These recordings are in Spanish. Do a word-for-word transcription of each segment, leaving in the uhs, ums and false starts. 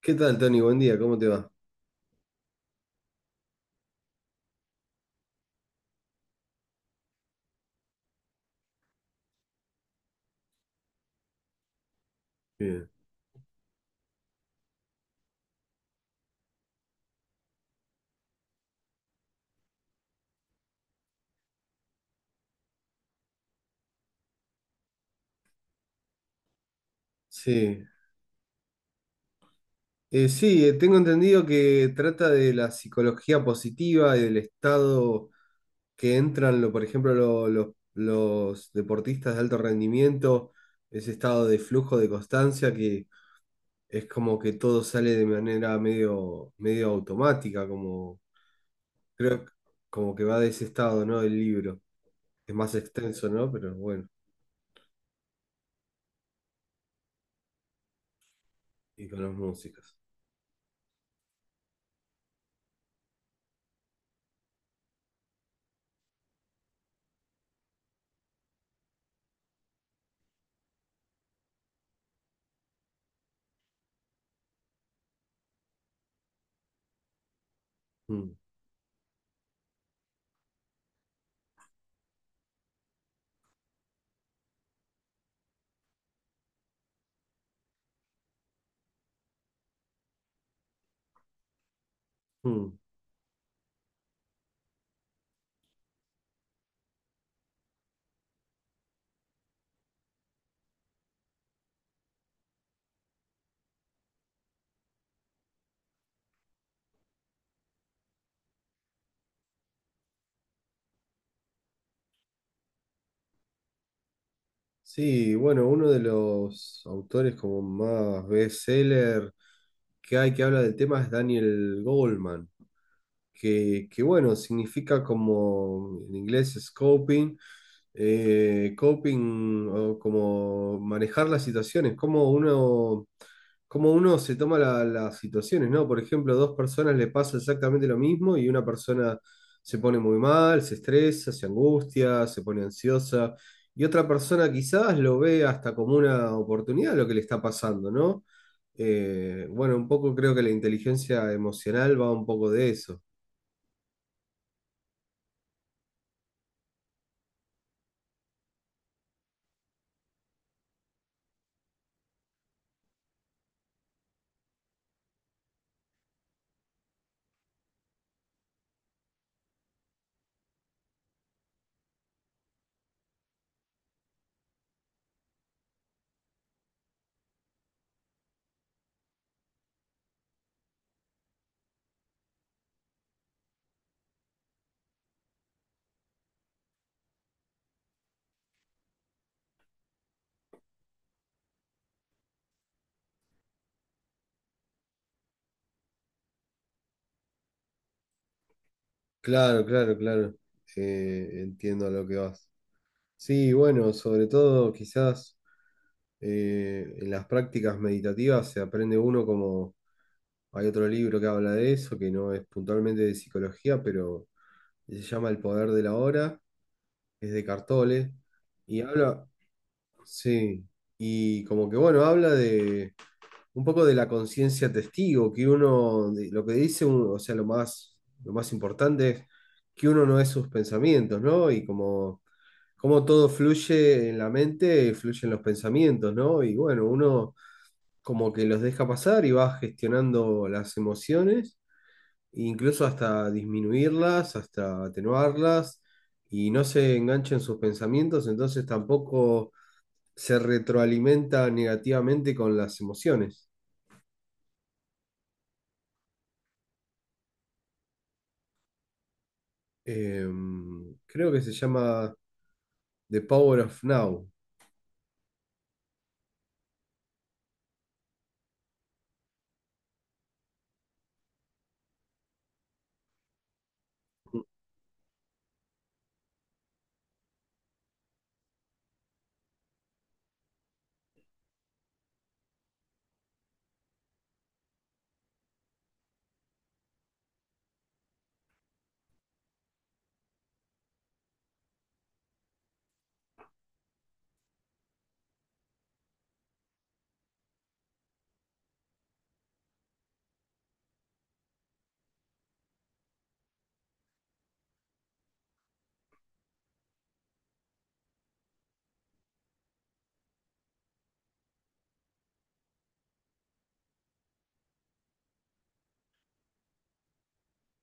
¿Qué tal, Tony? Buen día, ¿cómo te va? Bien. Sí. Eh, sí, eh, tengo entendido que trata de la psicología positiva y del estado que entran, lo- por ejemplo, lo- lo- los deportistas de alto rendimiento, ese estado de flujo de constancia que es como que todo sale de manera medio, medio automática, como creo que- como que va de ese estado, ¿no? El libro. Es más extenso, ¿no? Pero bueno, y con las músicas. Mm, mm. Sí, bueno, uno de los autores como más bestseller que hay que habla del tema es Daniel Goldman que, que, bueno, significa como en inglés es coping, eh, coping o como manejar las situaciones, cómo uno, cómo uno se toma la- las situaciones, ¿no? Por ejemplo, dos personas le pasa exactamente lo mismo y una persona se pone muy mal, se estresa, se angustia, se pone ansiosa. Y otra persona quizás lo ve hasta como una oportunidad lo que le está pasando, ¿no? Eh, bueno, un poco creo que la inteligencia emocional va un poco de eso. Claro, claro, claro. Eh, entiendo a lo que vas. Sí, bueno, sobre todo quizás eh, en las prácticas meditativas se aprende uno como hay otro libro que habla de eso, que no es puntualmente de psicología, pero se llama El poder de la hora, es de Cartole, y habla, sí, y como que bueno, habla de un poco de la conciencia testigo, que uno, de- lo que dice uno, o sea, lo más, lo más importante es que uno no es sus pensamientos, ¿no? Y como, como todo fluye en la mente, fluyen los pensamientos, ¿no? Y bueno, uno como que los deja pasar y va gestionando las emociones, e incluso hasta disminuirlas, hasta atenuarlas, y no se engancha en sus pensamientos, entonces tampoco se retroalimenta negativamente con las emociones. Em, creo que se llama The Power of Now.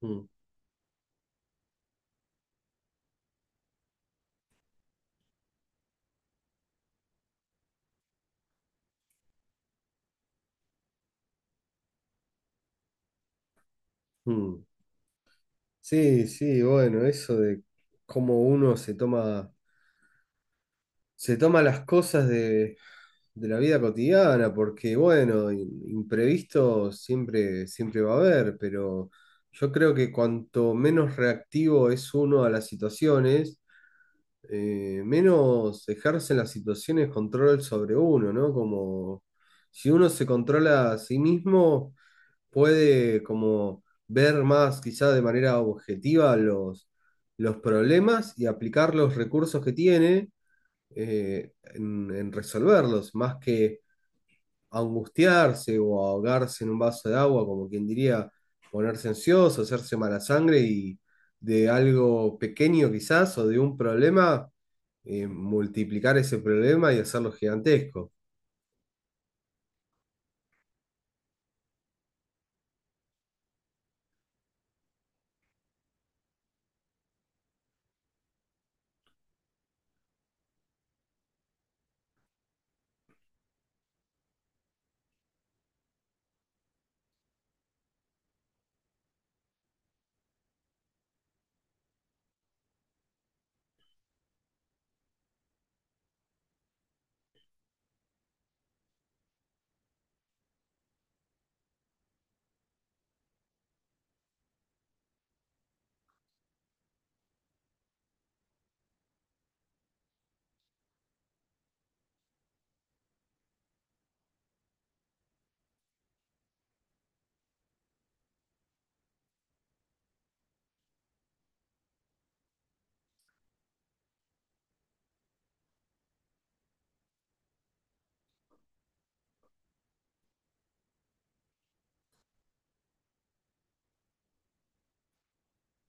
Mm, mm. Sí, sí, bueno, eso de cómo uno se toma, se toma las cosas de, de la vida cotidiana, porque bueno, in- imprevisto siempre, siempre va a haber, pero yo creo que cuanto menos reactivo es uno a las situaciones, eh, menos ejercen las situaciones control sobre uno, ¿no? Como si uno se controla a sí mismo puede como ver más quizá de manera objetiva los, los problemas y aplicar los recursos que tiene eh, en, en resolverlos, más que angustiarse o ahogarse en un vaso de agua, como quien diría, ponerse ansioso, hacerse mala sangre y de algo pequeño quizás o de un problema, eh, multiplicar ese problema y hacerlo gigantesco.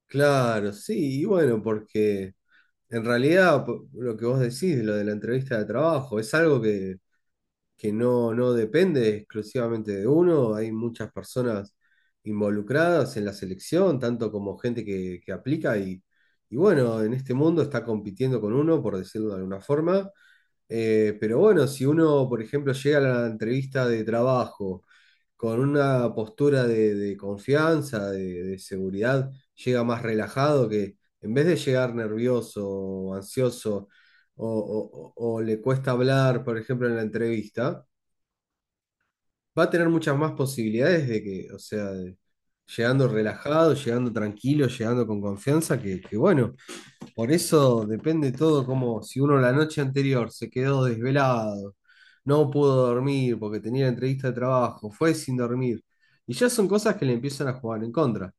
Claro, sí, y bueno... porque... En realidad, po- lo que vos decís, lo de la entrevista de trabajo, es algo que, que no, no depende exclusivamente de uno. Hay muchas personas involucradas en la selección, tanto como gente que, que aplica y, y bueno, en este mundo está compitiendo con uno, por decirlo de alguna forma. Eh, pero bueno, si uno, por ejemplo, llega a la entrevista de trabajo con una postura de, de confianza, de, de seguridad, llega más relajado que en vez de llegar nervioso o ansioso o, o- o- o le cuesta hablar, por ejemplo, en la entrevista, va a tener muchas más posibilidades de que, o sea, de- llegando relajado, llegando tranquilo, llegando con confianza, que, que bueno, por eso depende todo como si uno la noche anterior se quedó desvelado, no pudo dormir porque tenía entrevista de trabajo, fue sin dormir. Y ya son cosas que le empiezan a jugar en contra.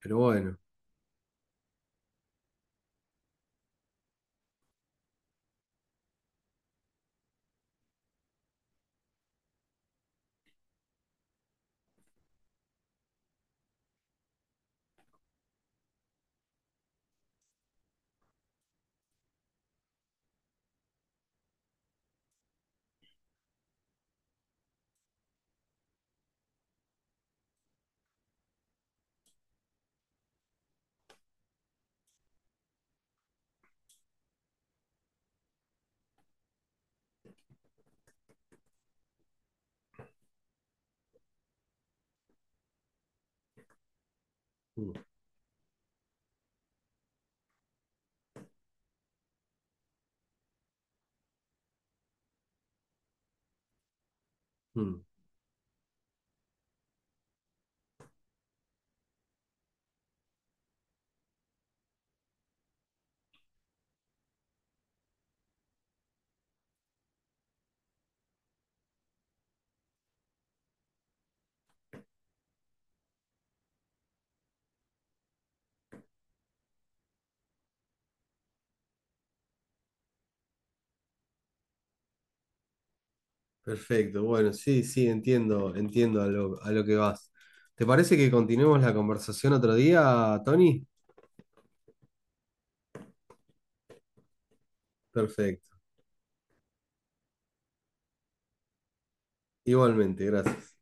Pero bueno, mm, mm, perfecto. Bueno, sí, sí, entiendo, entiendo a lo, a lo que vas. ¿Te parece que continuemos la conversación otro día, Tony? Perfecto. Igualmente, gracias.